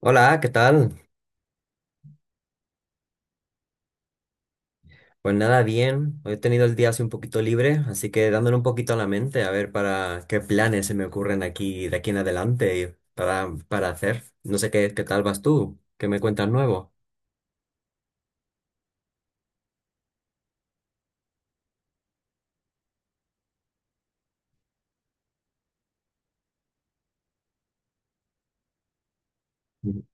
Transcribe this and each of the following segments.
Hola, ¿qué tal? Pues nada, bien. Hoy he tenido el día así un poquito libre, así que dándole un poquito a la mente a ver para qué planes se me ocurren aquí de aquí en adelante y para hacer. No sé qué tal vas tú, qué me cuentas nuevo. Ujú.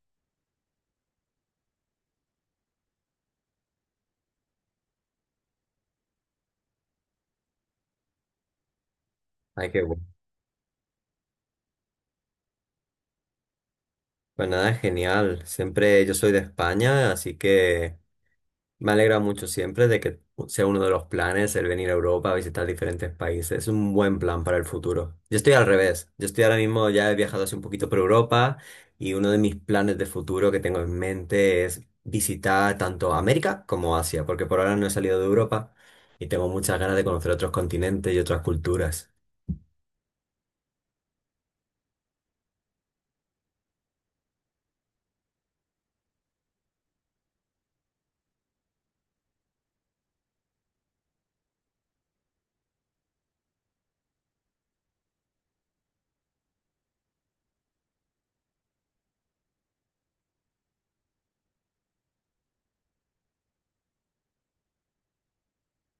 Ay, qué bueno. Pues nada, genial. Siempre yo soy de España, así que me alegra mucho siempre de que sea uno de los planes el venir a Europa a visitar diferentes países. Es un buen plan para el futuro. Yo estoy al revés. Yo estoy ahora mismo, ya he viajado hace un poquito por Europa y uno de mis planes de futuro que tengo en mente es visitar tanto América como Asia, porque por ahora no he salido de Europa y tengo muchas ganas de conocer otros continentes y otras culturas.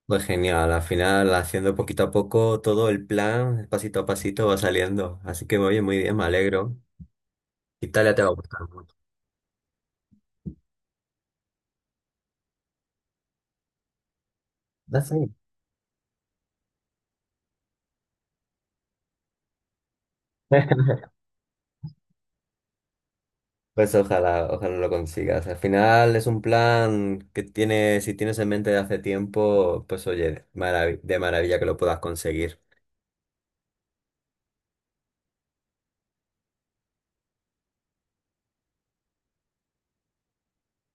Pues genial, al final haciendo poquito a poco todo el plan, pasito a pasito va saliendo. Así que oye, muy bien, me alegro. Italia te va a gustar mucho. That's it. Pues ojalá, ojalá lo consigas. Al final es un plan que tienes, si tienes en mente de hace tiempo, pues oye, de maravilla que lo puedas conseguir.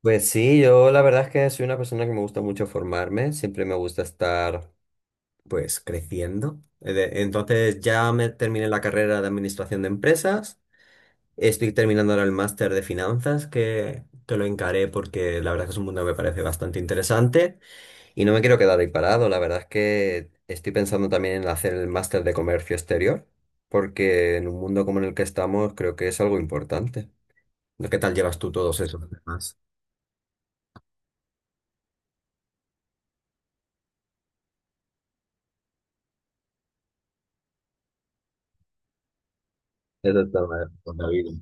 Pues sí, yo la verdad es que soy una persona que me gusta mucho formarme, siempre me gusta estar pues creciendo. Entonces ya me terminé la carrera de administración de empresas, estoy terminando ahora el máster de finanzas que lo encaré porque la verdad es que es un mundo que me parece bastante interesante. Y no me quiero quedar ahí parado, la verdad es que estoy pensando también en hacer el máster de comercio exterior, porque en un mundo como en el que estamos creo que es algo importante. ¿Qué tal llevas tú todos esos temas? Eso está maravilloso, David.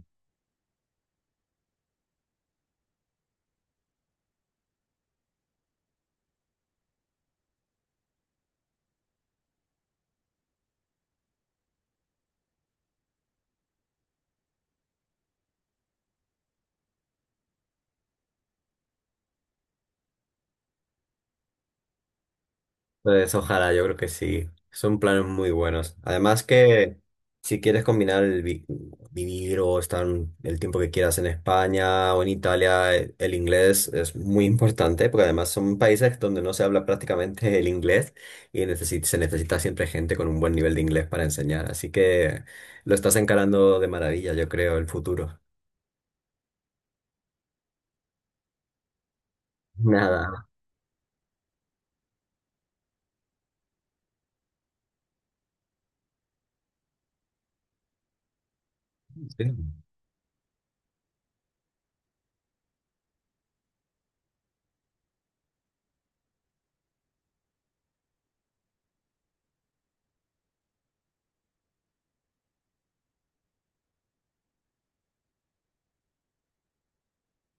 Pues ojalá, yo creo que sí. Son planes muy buenos. Además que si quieres combinar el vivir o estar el tiempo que quieras en España o en Italia, el inglés es muy importante porque además son países donde no se habla prácticamente el inglés y se necesita siempre gente con un buen nivel de inglés para enseñar. Así que lo estás encarando de maravilla, yo creo, el futuro. Nada. Sí.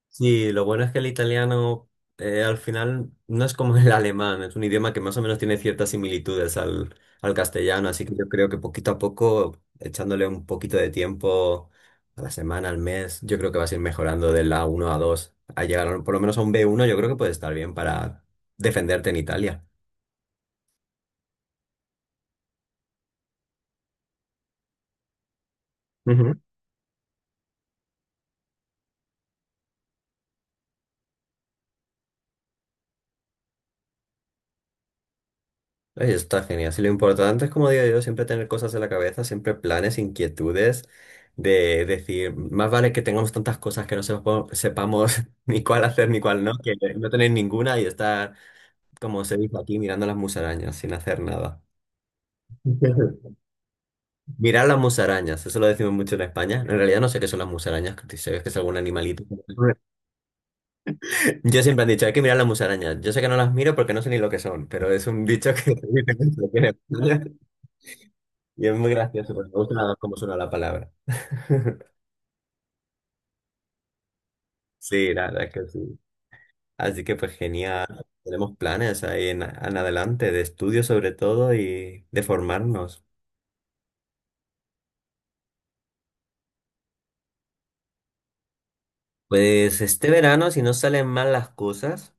Sí, lo bueno es que el italiano al final no es como el alemán, es un idioma que más o menos tiene ciertas similitudes al castellano, así que yo creo que poquito a poco, echándole un poquito de tiempo a la semana, al mes, yo creo que vas a ir mejorando del a uno a 2, a por lo menos a un b uno. Yo creo que puede estar bien para defenderte en Italia. Ay, está genial. Sí, lo importante es, como digo yo, siempre tener cosas en la cabeza, siempre planes, inquietudes, de decir, más vale que tengamos tantas cosas que no sepamos ni cuál hacer ni cuál no, que no tener ninguna y estar, como se dice aquí, mirando las musarañas sin hacer nada. Mirar las musarañas, eso lo decimos mucho en España. En realidad no sé qué son las musarañas, que si sabes que es algún animalito. Yo siempre han dicho, hay que mirar las musarañas. Yo sé que no las miro porque no sé ni lo que son, pero es un dicho que se dice mucho aquí en España. Y es muy gracioso, porque me gusta cómo suena la palabra. Sí, la verdad que sí. Así que pues genial. Tenemos planes ahí en adelante, de estudio sobre todo y de formarnos. Pues este verano, si no salen mal las cosas.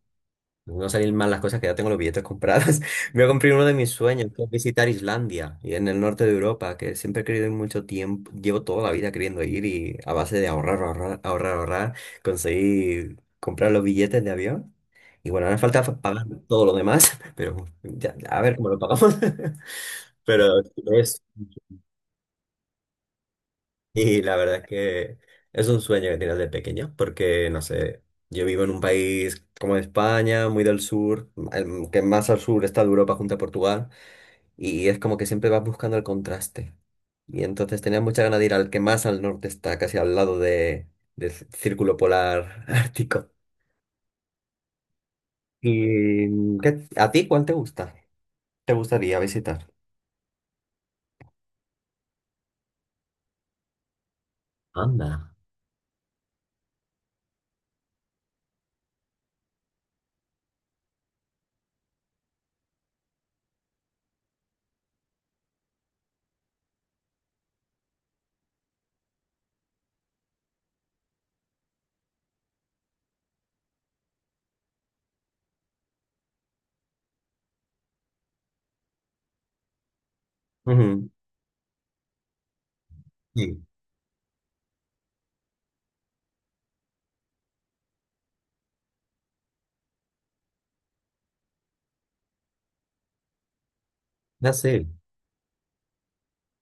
No salir mal las cosas que ya tengo los billetes comprados. Voy a cumplir uno de mis sueños, que es visitar Islandia y en el norte de Europa, que siempre he querido ir mucho tiempo. Llevo toda la vida queriendo ir y a base de ahorrar, conseguí comprar los billetes de avión. Y bueno, ahora falta pagar todo lo demás, pero ya, a ver cómo lo pagamos. Pero y la verdad es que es un sueño que tienes de pequeño, porque no sé, yo vivo en un país como España, muy del sur, el que más al sur está de Europa junto a Portugal, y es como que siempre vas buscando el contraste. Y entonces tenía mucha ganas de ir al que más al norte está, casi al lado del círculo polar ártico. ¿Y a ti cuál te gusta? ¿Te gustaría visitar? Anda. Ujú. Sí, ya sé.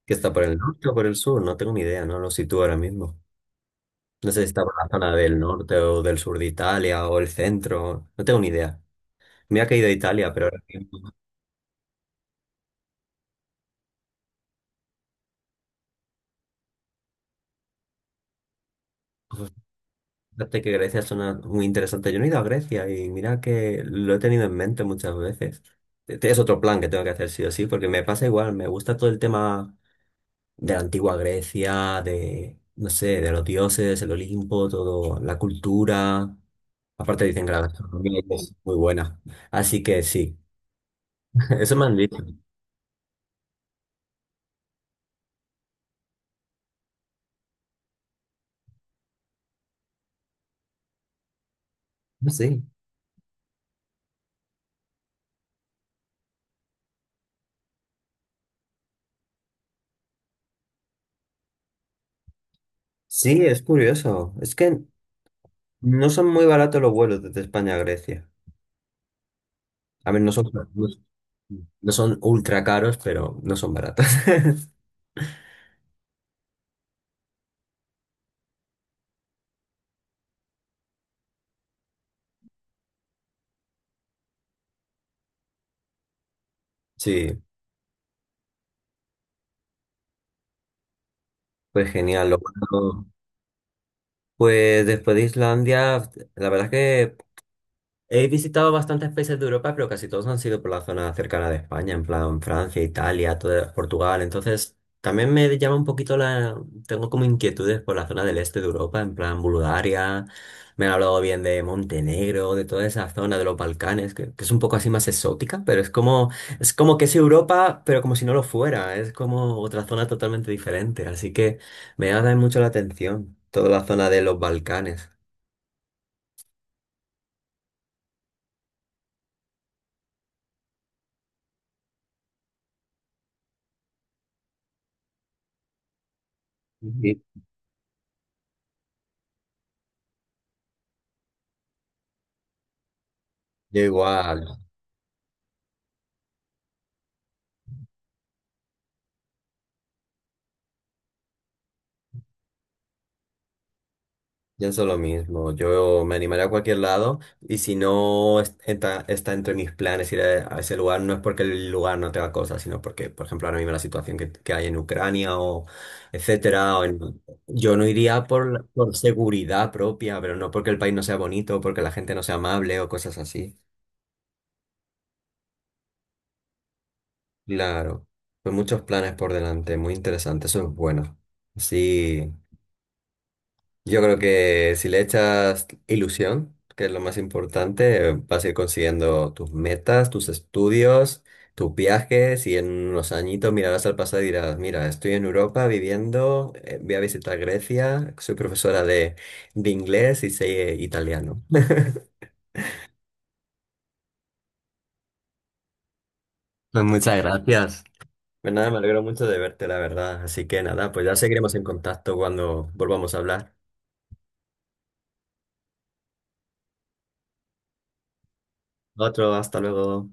¿Que está por el norte o por el sur? No tengo ni idea, no lo sitúo ahora mismo. No sé si está por la zona del norte o del sur de Italia o el centro. No tengo ni idea. Me ha caído a Italia, pero ahora mismo, pues, fíjate que Grecia suena muy interesante. Yo no he ido a Grecia y mira que lo he tenido en mente muchas veces. Este es otro plan que tengo que hacer sí o sí, porque me pasa igual. Me gusta todo el tema de la antigua Grecia, de, no sé, de los dioses, el Olimpo, todo, la cultura. Aparte dicen que la gastronomía es muy buena. Así que sí, eso me han dicho. Sí. Sí, es curioso. Es que no son muy baratos los vuelos desde España a Grecia. A ver, no no son ultra caros, pero no son baratos. Sí, pues genial. Lo bueno. Pues después de Islandia, la verdad es que he visitado bastantes países de Europa, pero casi todos han sido por la zona cercana de España, en plan Francia, Italia, Portugal. Entonces, también me llama un poquito la... Tengo como inquietudes por la zona del este de Europa, en plan Bulgaria. Me han hablado bien de Montenegro, de toda esa zona de los Balcanes, que es un poco así más exótica, pero es como que es Europa, pero como si no lo fuera. Es como otra zona totalmente diferente. Así que me llama mucho la atención toda la zona de los Balcanes. Ujú. Yo igual. Pienso lo mismo, yo me animaré a cualquier lado y si no está, está entre mis planes ir a ese lugar, no es porque el lugar no tenga cosas, sino porque, por ejemplo, ahora mismo la situación que hay en Ucrania o etcétera, yo no iría por, por seguridad propia, pero no porque el país no sea bonito, porque la gente no sea amable o cosas así. Claro, pues muchos planes por delante, muy interesante, eso es bueno. Sí. Yo creo que si le echas ilusión, que es lo más importante, vas a ir consiguiendo tus metas, tus estudios, tus viajes y en unos añitos mirarás al pasado y dirás, mira, estoy en Europa viviendo, voy a visitar Grecia, soy profesora de inglés y sé italiano. Pues muchas gracias. Pues nada, me alegro mucho de verte, la verdad. Así que nada, pues ya seguiremos en contacto cuando volvamos a hablar. Otro, hasta luego.